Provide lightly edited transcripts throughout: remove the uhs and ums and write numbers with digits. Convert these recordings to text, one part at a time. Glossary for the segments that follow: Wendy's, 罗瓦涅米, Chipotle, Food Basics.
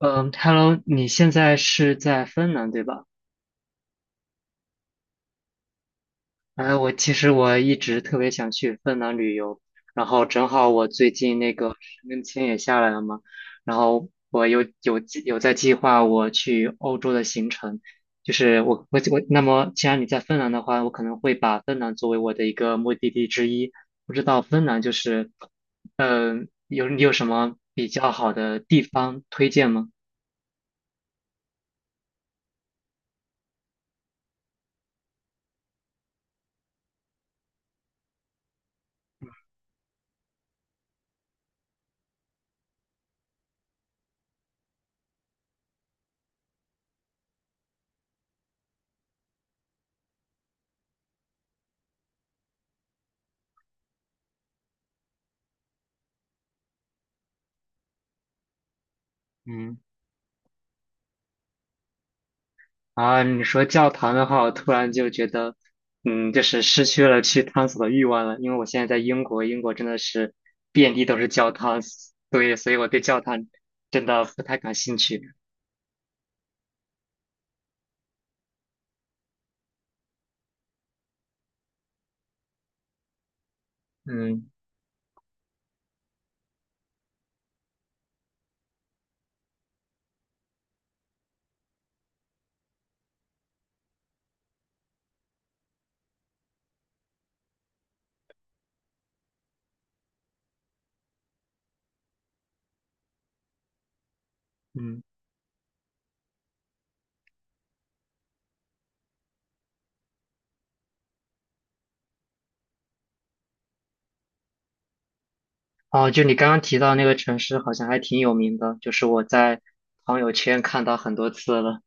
嗯，Hello，你现在是在芬兰对吧？哎，其实我一直特别想去芬兰旅游，然后正好我最近那个申根签也下来了嘛，然后我有有计有在计划我去欧洲的行程。就是我我我，那么既然你在芬兰的话，我可能会把芬兰作为我的一个目的地之一。不知道芬兰就是，嗯，你有什么比较好的地方推荐吗？嗯。啊，你说教堂的话，我突然就觉得，嗯，就是失去了去探索的欲望了。因为我现在在英国，英国真的是遍地都是教堂，对，所以我对教堂真的不太感兴趣。嗯嗯，哦，就你刚刚提到那个城市，好像还挺有名的，就是我在朋友圈看到很多次了。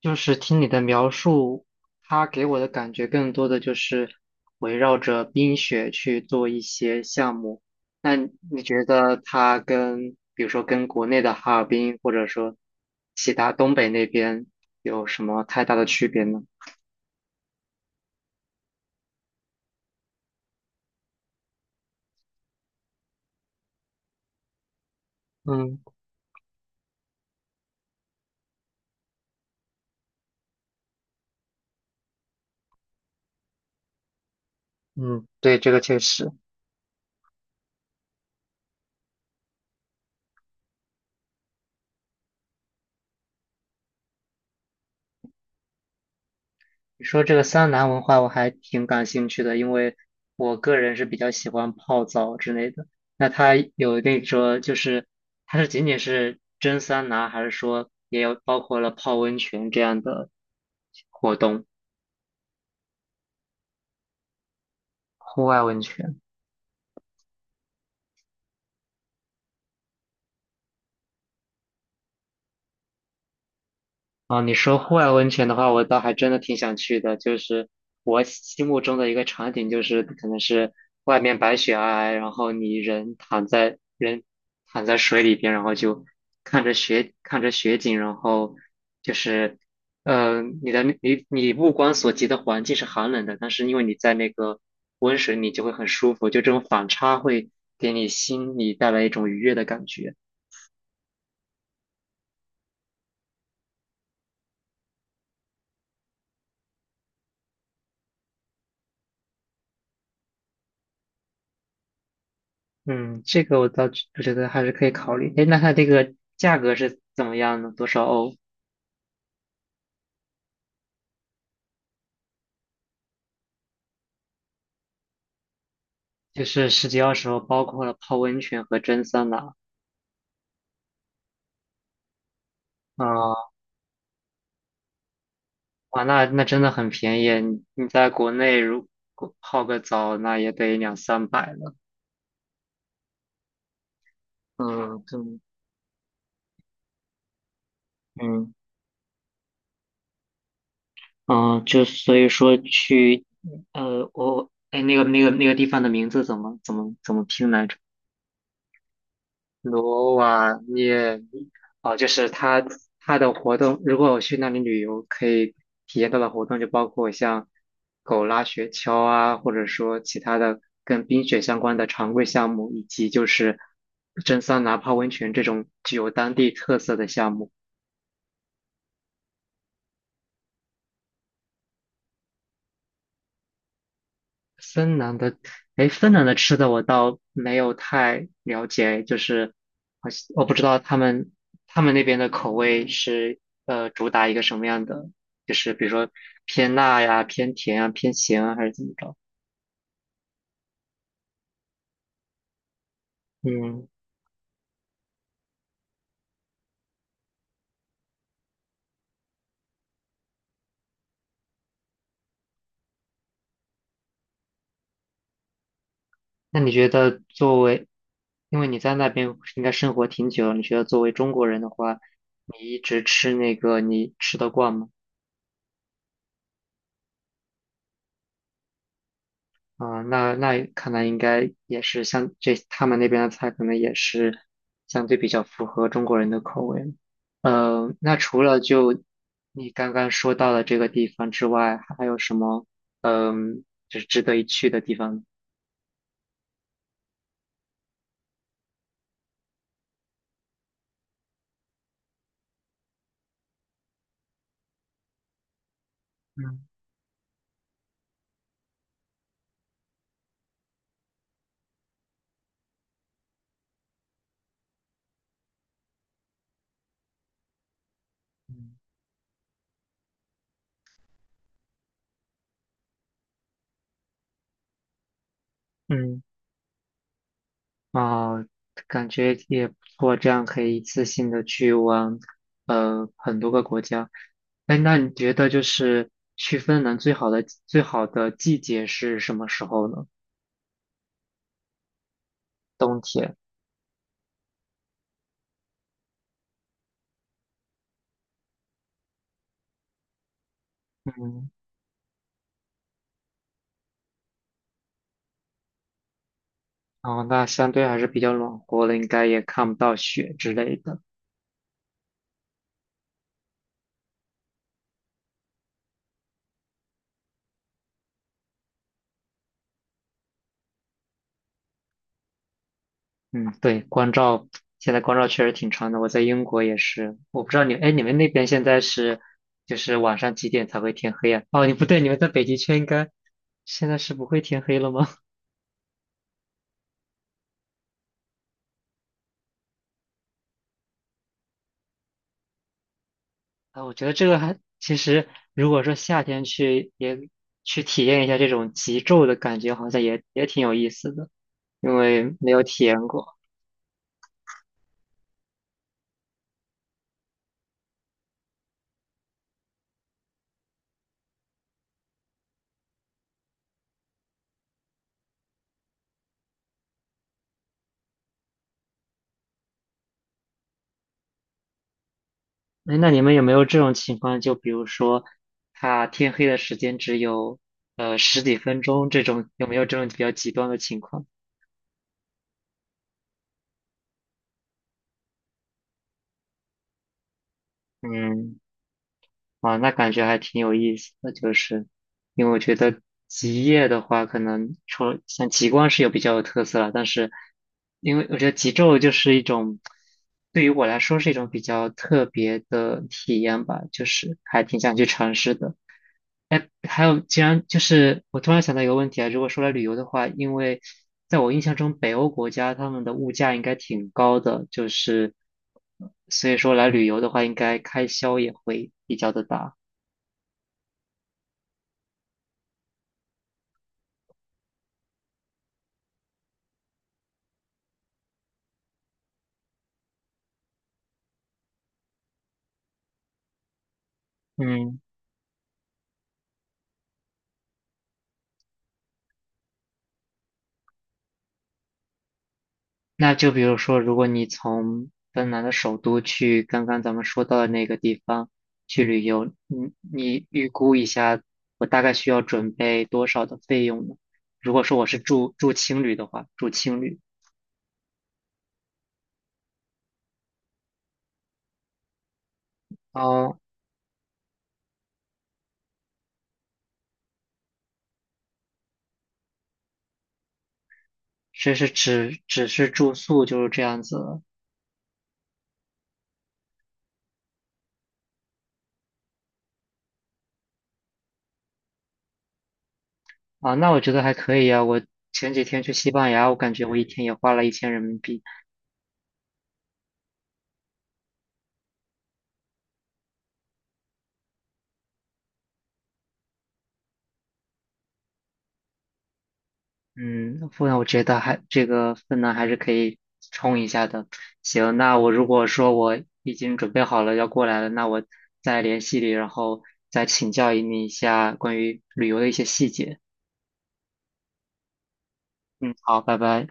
就是听你的描述，它给我的感觉更多的就是围绕着冰雪去做一些项目。那你觉得它跟，比如说跟国内的哈尔滨，或者说其他东北那边有什么太大的区别呢？嗯嗯，对，这个确实。你说这个桑拿文化我还挺感兴趣的，因为我个人是比较喜欢泡澡之类的。那它有那种就是，它是仅仅是蒸桑拿，还是说也有包括了泡温泉这样的活动？户外温泉？啊，你说户外温泉的话，我倒还真的挺想去的。就是我心目中的一个场景，就是可能是外面白雪皑皑，然后你人躺在水里边，然后就看着雪景，然后就是，嗯，你的目光所及的环境是寒冷的，但是因为你在那个温水里就会很舒服，就这种反差会给你心里带来一种愉悦的感觉。嗯，这个我倒觉得还是可以考虑。哎，那它这个价格是怎么样的？多少欧？就是十几二十欧，包括了泡温泉和蒸桑拿。啊，哇，那真的很便宜。你在国内如果泡个澡，那也得两三百了。嗯，对。嗯嗯，就所以说去，我，哎，那个地方的名字怎么拼来着？罗瓦涅米，哦，就是它的活动，如果我去那里旅游，可以体验到的活动就包括像狗拉雪橇啊，或者说其他的跟冰雪相关的常规项目，以及就是蒸桑拿、泡温泉这种具有当地特色的项目。芬兰的，哎，芬兰的吃的我倒没有太了解，就是好像我不知道他们那边的口味是主打一个什么样的，就是比如说偏辣呀、偏甜啊、偏咸啊，还是怎么着？嗯，那你觉得作为，因为你在那边应该生活挺久了，你觉得作为中国人的话，你一直吃那个你吃得惯吗？啊，那那看来应该也是，像这他们那边的菜，可能也是相对比较符合中国人的口味。那除了就你刚刚说到的这个地方之外，还有什么，嗯，就是值得一去的地方？嗯嗯嗯。啊，感觉也不错，这样可以一次性的去往，很多个国家。哎，那你觉得就是去芬兰最好的季节是什么时候呢？冬天，嗯，哦，那相对还是比较暖和的，应该也看不到雪之类的。嗯，对，光照，现在光照确实挺长的。我在英国也是，我不知道你，哎，你们那边现在是，就是晚上几点才会天黑啊？哦，你不对，你们在北极圈应该现在是不会天黑了吗？啊，我觉得这个还，其实如果说夏天去，也去体验一下这种极昼的感觉，好像也挺有意思的，因为没有体验过。哎，那你们有没有这种情况？就比如说，他天黑的时间只有十几分钟，这种有没有这种比较极端的情况？嗯。啊，那感觉还挺有意思的，就是因为我觉得极夜的话，可能除了像极光是有比较有特色了，但是因为我觉得极昼就是一种，对于我来说是一种比较特别的体验吧，就是还挺想去尝试的。哎，还有，既然就是我突然想到一个问题啊，如果说来旅游的话，因为在我印象中，北欧国家他们的物价应该挺高的，就是所以说来旅游的话，应该开销也会比较的大。嗯，那就比如说，如果你从芬兰的首都去刚刚咱们说到的那个地方去旅游，你预估一下，我大概需要准备多少的费用呢？如果说我是住青旅的话，住青旅。哦。这是只是住宿就是这样子？啊，那我觉得还可以啊。我前几天去西班牙，我感觉我一天也花了1000人民币。嗯，不然我觉得还这个分呢还是可以冲一下的。行，那我如果说我已经准备好了要过来了，那我再联系你，然后再请教你一下关于旅游的一些细节。嗯，好，拜拜。